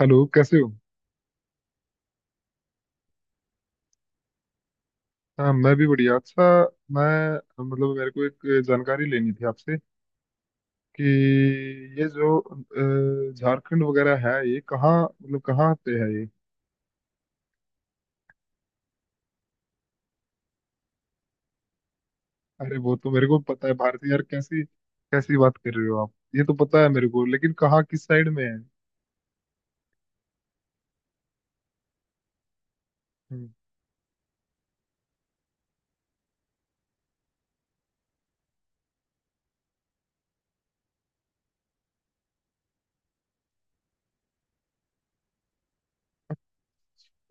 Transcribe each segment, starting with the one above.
Hello, कैसे हो। हाँ, मैं भी बढ़िया। अच्छा, मैं, मतलब, मेरे को एक जानकारी लेनी थी आपसे कि ये जो झारखंड वगैरह है, ये कहाँ, मतलब कहाँ पे है ये। अरे, वो तो मेरे को पता है, भारतीय। यार, कैसी कैसी बात कर रहे हो आप, ये तो पता है मेरे को, लेकिन कहाँ, किस साइड में है। हम्म।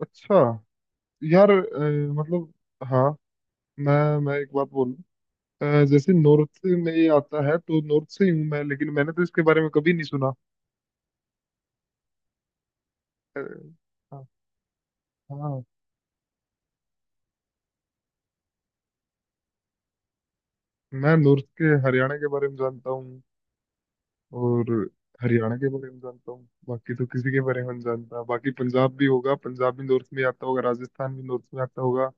अच्छा। यार, मतलब, हाँ, मैं मैं एक बात बोलूँ? जैसे नॉर्थ में ये आता है, तो नॉर्थ से ही हूँ मैं, लेकिन मैंने तो इसके बारे में कभी नहीं सुना। अ, हाँ। हाँ। मैं नॉर्थ के हरियाणा के बारे में जानता हूँ, और हरियाणा के बारे में जानता हूँ, बाकी तो किसी के बारे में नहीं जानता। बाकी पंजाब भी होगा, पंजाब भी नॉर्थ में आता होगा, राजस्थान भी नॉर्थ में आता होगा,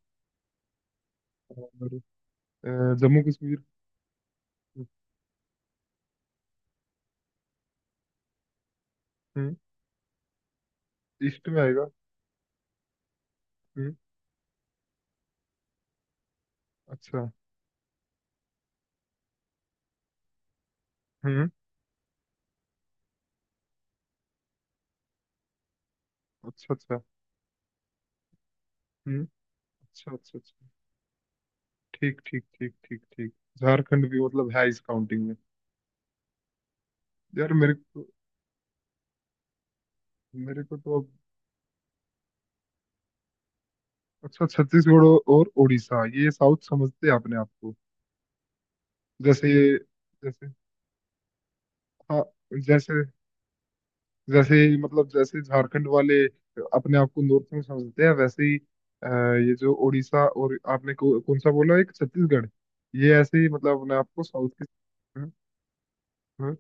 और जम्मू कश्मीर। हम्म। ईस्ट में आएगा। हम्म। अच्छा। हम्म। अच्छा, अच्छा। हम्म। अच्छा, अच्छा, अच्छा। ठीक, ठीक, ठीक, ठीक, ठीक। झारखंड भी मतलब है इस काउंटिंग में? यार मेरे को, मेरे को तो अब, अच्छा छत्तीसगढ़ और उड़ीसा ये साउथ समझते हैं आपने आपको? जैसे। जैसे। हाँ। जैसे जैसे ही, मतलब जैसे झारखंड वाले अपने आप को नॉर्थ में समझते हैं, वैसे ही अ, ये जो उड़ीसा और आपने को, कौन सा बोला, एक छत्तीसगढ़, ये ऐसे ही, मतलब, अपने आप को साउथ के। हम्म। हम्म।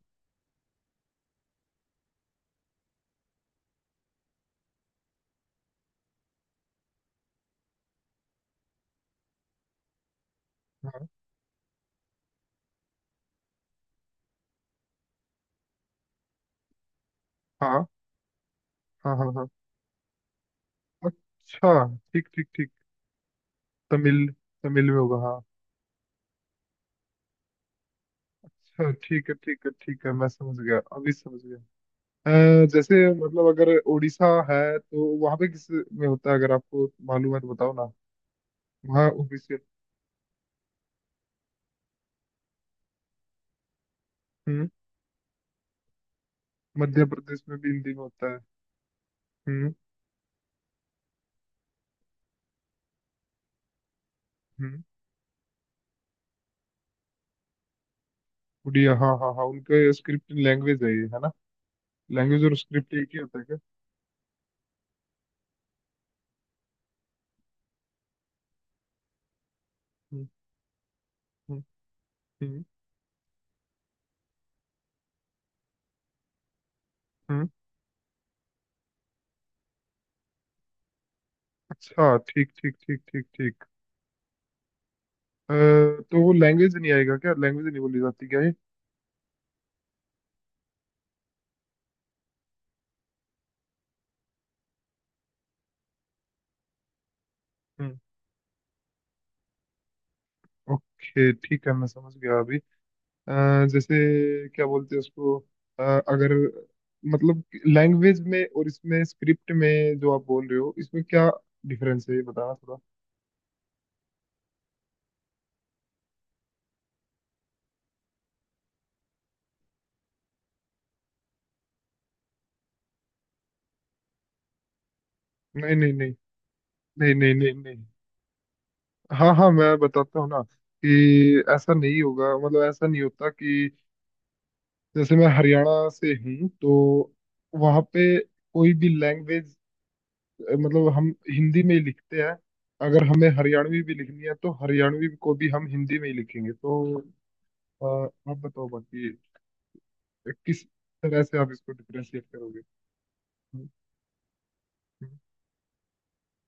हाँ, हाँ, हाँ। हाँ, हाँ। अच्छा। ठीक, ठीक, ठीक। तमिल। तमिल में होगा, हाँ। अच्छा, ठीक है, ठीक है, ठीक है, मैं समझ गया, अभी समझ गया। जैसे, मतलब अगर उड़ीसा है, तो वहां पे किस में होता है, अगर आपको मालूम है तो बताओ ना। वहाँ ओबीसी, मध्य प्रदेश में भी हिंदी में होता है। हम्म। हम्म। उड़िया, हाँ, हाँ, हाँ, उनका स्क्रिप्ट लैंग्वेज है ये, है ना? लैंग्वेज और स्क्रिप्ट एक ही होता है क्या? हम्म। हम्म। हम्म। हम्म। अच्छा, ठीक, ठीक, ठीक, ठीक, ठीक। अ, तो वो लैंग्वेज नहीं आएगा क्या, लैंग्वेज नहीं बोली जाती क्या ये? हम्म। ओके, ठीक है, मैं समझ गया अभी। अ, जैसे, क्या बोलते हैं उसको, अगर, मतलब, लैंग्वेज में और इसमें स्क्रिप्ट में जो आप बोल रहे हो, इसमें क्या डिफरेंस है, ये बताना थोड़ा। नहीं, नहीं, नहीं, नहीं, नहीं, नहीं, नहीं। हाँ, हाँ, मैं बताता हूँ ना, कि ऐसा नहीं होगा, मतलब ऐसा नहीं होता, कि जैसे मैं हरियाणा से हूँ, तो वहाँ पे कोई भी लैंग्वेज, मतलब, हम हिंदी में ही लिखते हैं। अगर हमें हरियाणवी भी लिखनी है, तो हरियाणवी को भी हम हिंदी में ही लिखेंगे, तो अ, आप बताओ, बाकी किस तरह से आप इसको डिफरेंशिएट करोगे। हम्म। हम्म।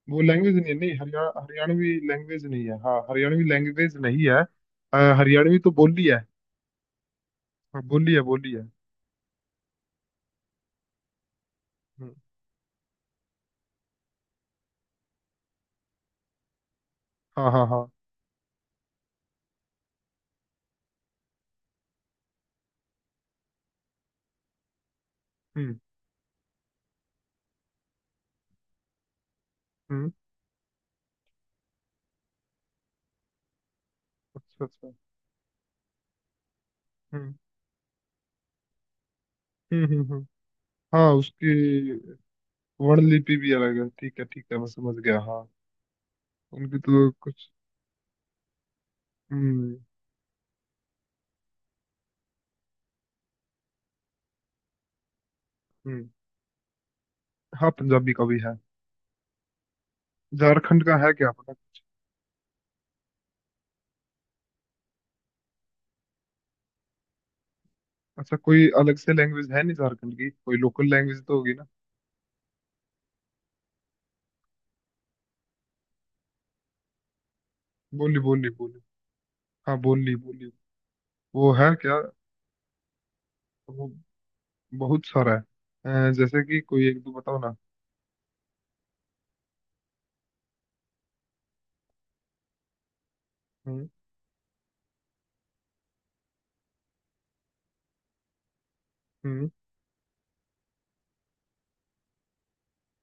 वो लैंग्वेज नहीं है, नहीं, हरियाणा, हरियाणवी लैंग्वेज नहीं है, हाँ, हरियाणवी लैंग्वेज नहीं है। हरियाणवी तो बोली है। हाँ, बोली है, बोली है। हाँ, हाँ, हाँ। हम्म। हम्म। अच्छा, अच्छा। हम्म। हम्म। हम्म। हम्म। हाँ, उसकी वर्णलिपि भी अलग है, ठीक है, ठीक है, मैं समझ गया, हाँ। उनकी तो कुछ। हम्म। हम्म। हाँ, पंजाबी का भी है। झारखंड का है, क्या पता। अच्छा, कोई अलग से लैंग्वेज है नहीं झारखंड की? कोई लोकल लैंग्वेज तो होगी ना? बोली, बोली, बोली। हाँ, बोली, बोली। वो है क्या? वो बहुत सारा है? जैसे कि कोई एक दो बताओ ना। हम्म। हम्म।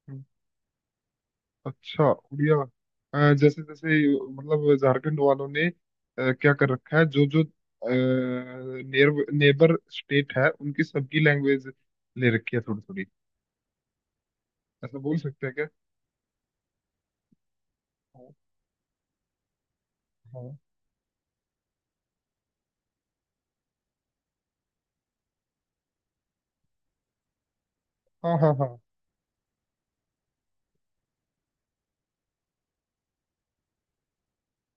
हम्म। अच्छा, उड़िया। जैसे जैसे, मतलब झारखंड वालों ने क्या कर रखा है, जो जो नेबर स्टेट है, उनकी सबकी लैंग्वेज ले रखी है थोड़ी थोड़ी, ऐसा बोल सकते हैं क्या? हाँ, हाँ, हाँ। हाँ,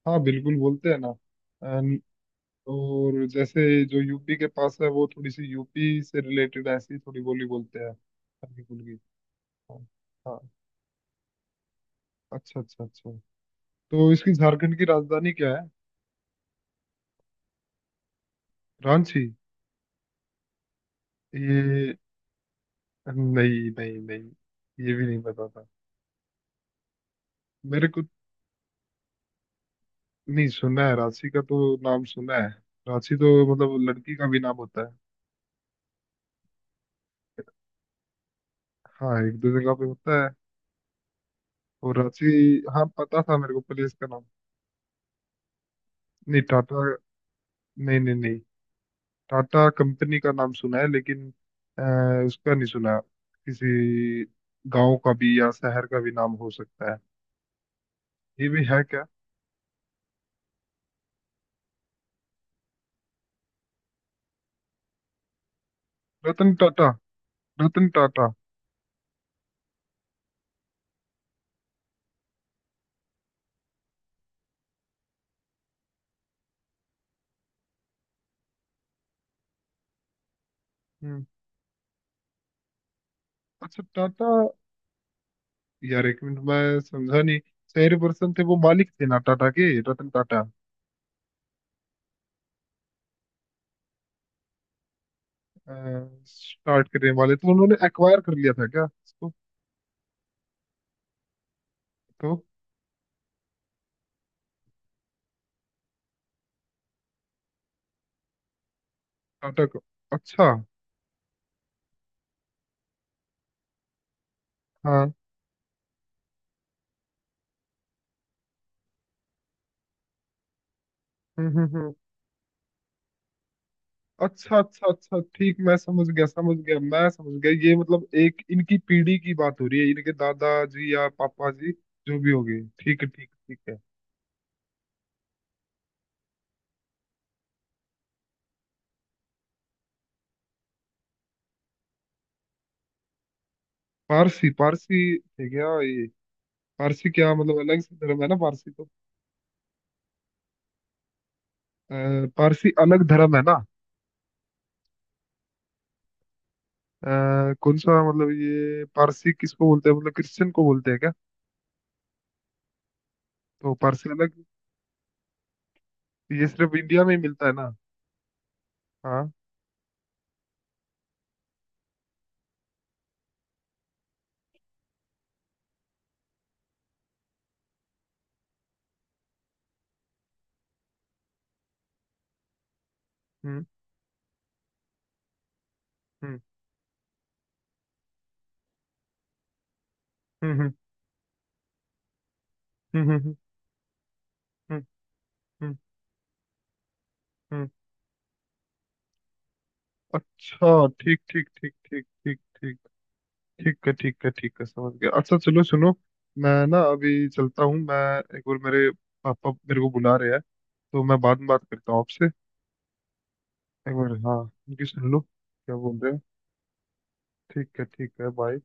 हाँ, बिल्कुल बोलते हैं ना। अन- और जैसे जो यूपी के पास है, वो थोड़ी सी यूपी से रिलेटेड ऐसी थोड़ी बोली बोलते हैं, हल्की फुल्की। हाँ। हाँ। अच्छा, अच्छा, अच्छा। तो इसकी, झारखंड की राजधानी क्या है? रांची? ये, नहीं, नहीं, नहीं, ये भी नहीं पता था मेरे को। नहीं सुना है, राशि का तो नाम सुना है। राशि तो, मतलब, लड़की का भी नाम होता है, हाँ, एक दो जगह पे होता है। और राशि, हाँ, पता था मेरे को प्लेस का नाम। नहीं, टाटा, नहीं, नहीं, नहीं, टाटा कंपनी का नाम सुना है, लेकिन उसका नहीं सुना। किसी गांव का भी या शहर का भी नाम हो सकता है, ये भी है क्या? रतन टाटा? रतन टाटा? हम्म। अच्छा, टाटा। यार, एक मिनट, मैं समझा नहीं। शहर पर्सन थे, वो मालिक थे ना टाटा के, रतन टाटा। स्टार्ट करने वाले, तो उन्होंने एक्वायर कर लिया था क्या इसको? तो टाटा को, अच्छा। हाँ। हम्म, हम्म, हम्म। अच्छा, अच्छा, अच्छा, ठीक, मैं समझ गया, समझ गया, मैं समझ गया, ये मतलब एक इनकी पीढ़ी की बात हो रही है, इनके दादाजी या पापा जी, जो भी हो गए, ठीक है, ठीक है, ठीक है। पारसी, पारसी थे क्या ये? पारसी, क्या मतलब, अलग से धर्म है ना पारसी तो? अ, पारसी अलग धर्म है ना? अ, कौन सा, मतलब, ये पारसी किसको बोलते हैं, मतलब क्रिश्चियन को बोलते हैं क्या? तो पारसी अलग, ये सिर्फ इंडिया में ही मिलता है ना? हाँ। हम्म। हम्म। हम्म। हम्म। हम्म। हम्म। हम्म। हम्म। हम्म। हम्म। अच्छा, ठीक, ठीक, ठीक, ठीक, ठीक, ठीक। ठीक है, ठीक है, ठीक है, समझ गया। अच्छा चलो सुनो, मैं ना अभी चलता हूँ मैं, एक बार, मेरे पापा मेरे को बुला रहे हैं, तो मैं बाद में बात करता हूँ आपसे। एक बार, हाँ, उनकी सुन लो क्या बोल रहे हैं। ठीक है, ठीक है, बाय।